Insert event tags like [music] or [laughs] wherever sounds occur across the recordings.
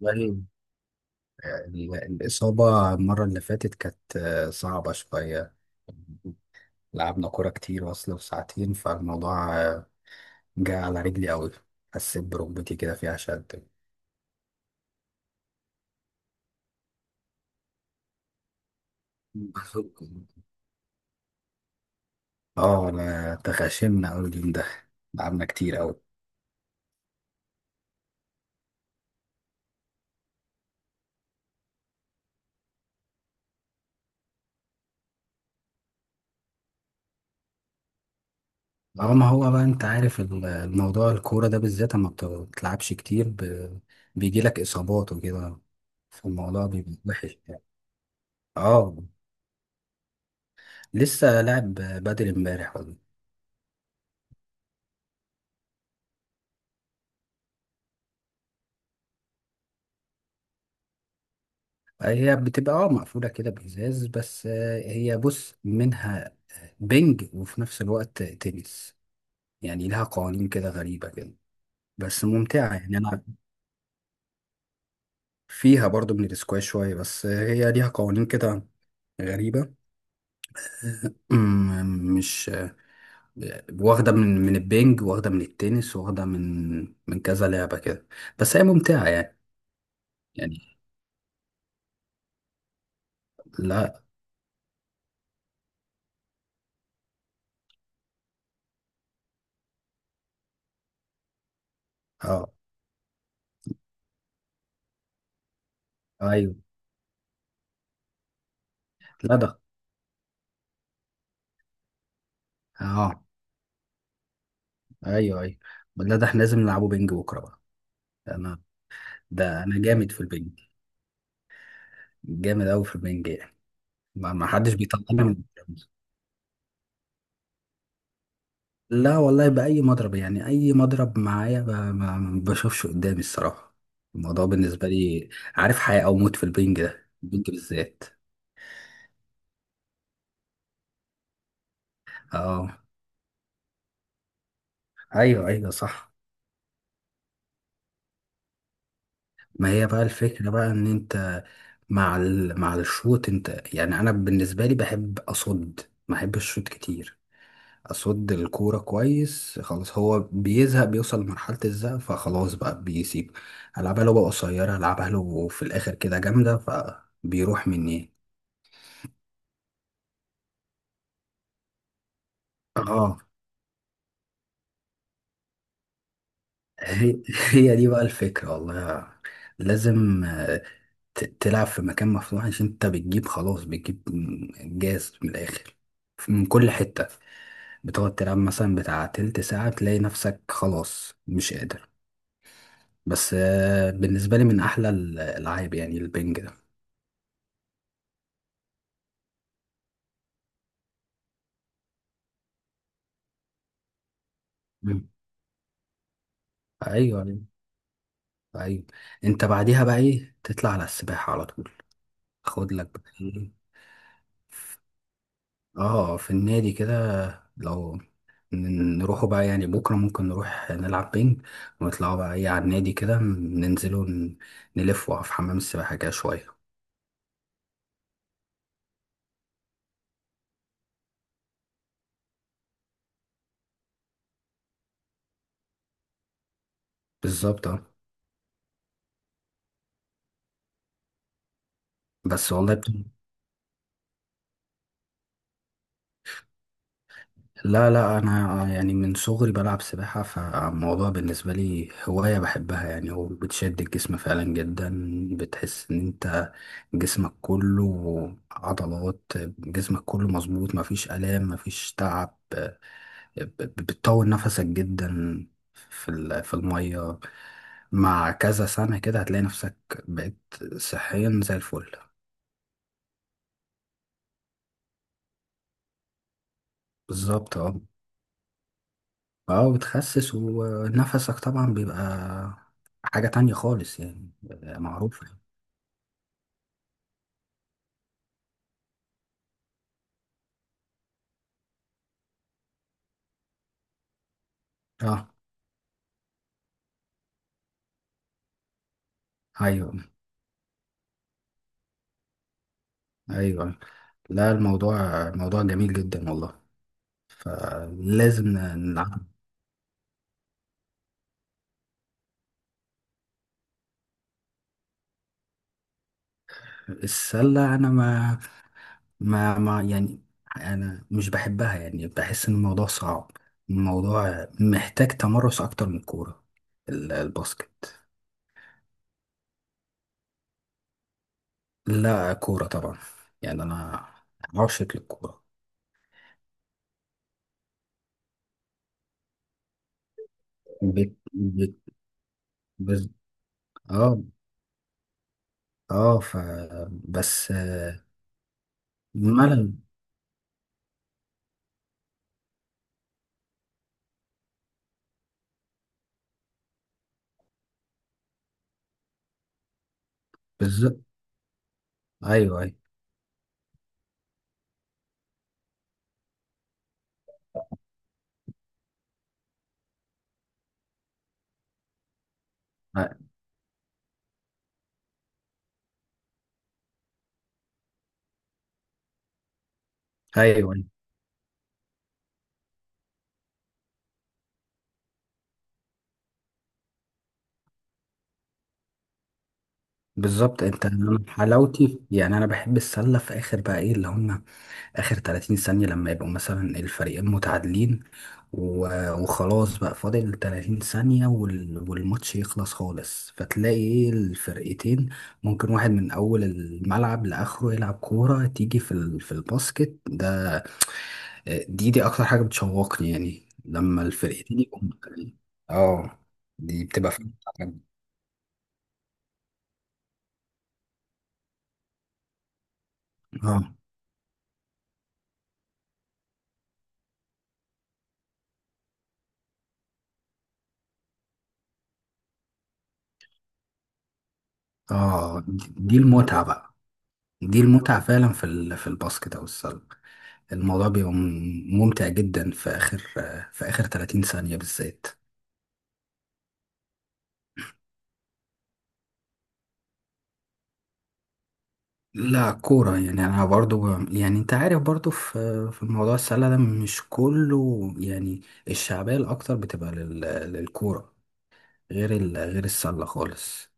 والله، الإصابة المرة اللي فاتت كانت صعبة شوية. لعبنا كورة كتير، وصل وساعتين، فالموضوع جه على رجلي أوي. حسيت بركبتي كده فيها شد. اه، أنا تخاشمنا أوي اليوم ده. لعبنا كتير أوي. اه، ما هو بقى انت عارف الموضوع الكورة ده بالذات، اما بتلعبش كتير، بيجيلك إصابات وكده، فالموضوع بيبقى وحش يعني. اه. لسه لاعب بدري امبارح والله. هي بتبقى مقفولة كده بإزاز، بس هي بص منها بنج وفي نفس الوقت تنس. يعني لها قوانين كده غريبة كده، بس ممتعة يعني أنا. فيها برضو من الاسكواش شوية، بس هي ليها قوانين كده غريبة. [clears throat] مش واخدة من البنج، واخدة من التنس، واخدة من كذا لعبة كده، بس هي ممتعة يعني. يعني. لا. اه. ايوه. لا ده. اه. ايوه، ايوه. لا، ده احنا لازم نلعبه بنج بكرة بقى. انا ده انا جامد في البنج. جامد قوي في البنج يعني. ما حدش بيطلعني من البنج. لا والله، بأي مضرب يعني، أي مضرب معايا، ما بشوفش قدامي الصراحة. الموضوع بالنسبة لي، عارف، حياة أو موت في البنج، ده البنج بالذات. اه، أيوه، أيوه، صح. ما هي بقى الفكرة بقى إن أنت مع مع الشوط، أنت يعني أنا بالنسبة لي بحب أصد. ما بحبش الشوط كتير. اصد الكوره كويس، خلاص هو بيزهق بيوصل لمرحله الزهق، فخلاص بقى بيسيب. العبها له بقى قصيره، العبها له في الاخر كده جامده، فبيروح مني. اه. هي هي دي بقى الفكره والله. لازم تلعب في مكان مفتوح، عشان انت بتجيب، خلاص بتجيب جاز من الاخر، من كل حته. بتقعد تلعب مثلا بتاع تلت ساعه، تلاقي نفسك خلاص مش قادر، بس بالنسبه لي من احلى الالعاب يعني البنج. ده. ايوه، ايوه، أيوة. انت بعديها بقى ايه، تطلع على السباحه على طول، خد لك بقى إيه؟ اه، في النادي كده، لو نروحوا بقى يعني، بكره ممكن نروح نلعب بينج، ونطلعوا بقى ايه على النادي كده، ننزلوا نلفوا في حمام السباحه كده شويه. بالظبط، اه. بس والله، لا، لا، انا يعني من صغري بلعب سباحة، فالموضوع بالنسبة لي هواية بحبها يعني، وبتشد الجسم فعلا جدا. بتحس ان انت جسمك كله عضلات، جسمك كله مظبوط، مفيش آلام، مفيش تعب، بتطول نفسك جدا في في المية، مع كذا سنة كده هتلاقي نفسك بقيت صحيا زي الفل. بالظبط، اه، اه. بتخسس ونفسك طبعا بيبقى حاجة تانية خالص يعني. معروفة. اه، ايوه، ايوه. لا، موضوع جميل جدا والله، فلازم نلعب. السلة انا ما يعني، انا مش بحبها يعني، بحس ان الموضوع صعب، الموضوع محتاج تمرس اكتر من الكورة، الباسكت. لا، كورة طبعا يعني، انا عاشق للكورة. بت... بت... بز... اه، اه. بس. ملل. بالظبط، ايوه، ايوه، آه، ايوه، أيوة. بالظبط، انت أنا حلاوتي يعني، انا بحب السله في اخر بقى ايه اللي هم، اخر 30 ثانيه لما يبقوا مثلا الفريقين متعادلين، وخلاص بقى فاضل 30 ثانيه، والماتش يخلص خالص، فتلاقي ايه الفرقتين ممكن واحد من اول الملعب لاخره يلعب كوره تيجي في في الباسكت ده. دي اكتر حاجه بتشوقني يعني لما الفرقتين يبقوا متكاملين. اه، دي بتبقى فعلا حاجة. اه، اه. دي المتعه بقى، دي المتعه فعلا في في الباسكت او السله. الموضوع بيبقى ممتع جدا في اخر، في اخر 30 ثانيه بالذات. لا، كوره يعني، انا برضو يعني انت عارف برضو، في موضوع السله ده مش كله يعني، الشعبيه الاكتر بتبقى للكوره، غير غير السله خالص.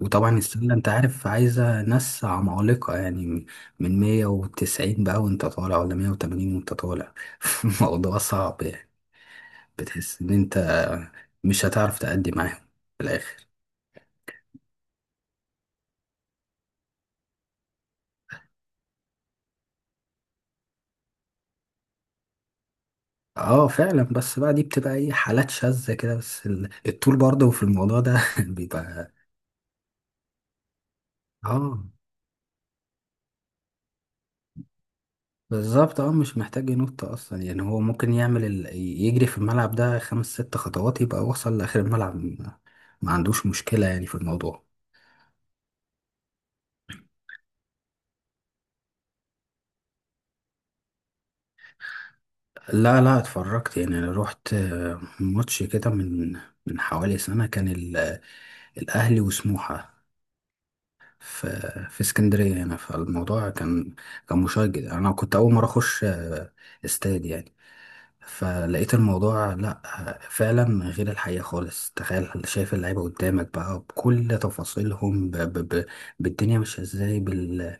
وطبعا السله انت عارف عايزه ناس عمالقه يعني، من 190 بقى وانت طالع، ولا 180 وانت طالع. [laughs] الموضوع صعب يعني، بتحس ان انت مش هتعرف تأدي معاهم في الاخر. اه، فعلا، بس بقى دي بتبقى ايه، حالات شاذة كده، بس الطول برضه في الموضوع ده [laughs] بيبقى. اه، بالظبط، اه. مش محتاج ينط اصلا يعني، هو ممكن يعمل يجري في الملعب ده خمس ست خطوات يبقى وصل لاخر الملعب، ما عندوش مشكلة يعني في الموضوع. لا، لا، اتفرجت يعني، انا روحت ماتش كده من حوالي سنة، كان الاهلي وسموحة في في اسكندرية هنا، فالموضوع كان مشجع، انا كنت اول مرة اخش استاد يعني. فلقيت الموضوع، لا فعلا غير الحقيقة خالص، تخيل شايف اللعيبة قدامك بقى بكل تفاصيلهم، بالدنيا مش ازاي،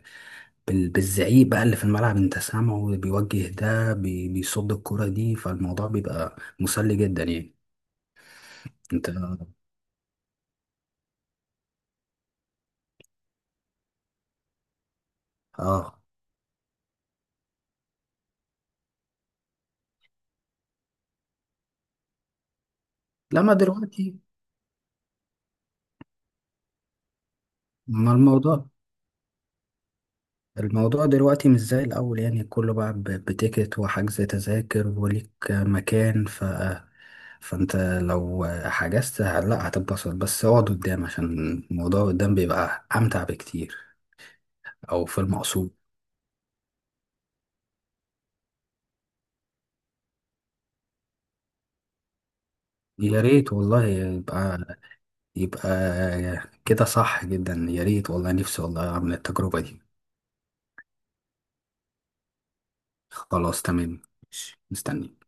بالزعيق بقى اللي في الملعب انت سامعه، بيوجه ده بيصد الكرة دي، فالموضوع بيبقى مسلي جدا يعني. انت. اه. لما دلوقتي، ما الموضوع دلوقتي مش زي الأول يعني، كله بقى بتيكت وحجز تذاكر وليك مكان، فأنت لو حجزت لا هتتبسط، بس اقعد قدام عشان الموضوع قدام بيبقى أمتع بكتير، أو في المقصود. يا ريت والله يبقى كده صح جدا، يا ريت والله، نفسي والله أعمل التجربة دي. خلاص، تمام، ماشي. مستني.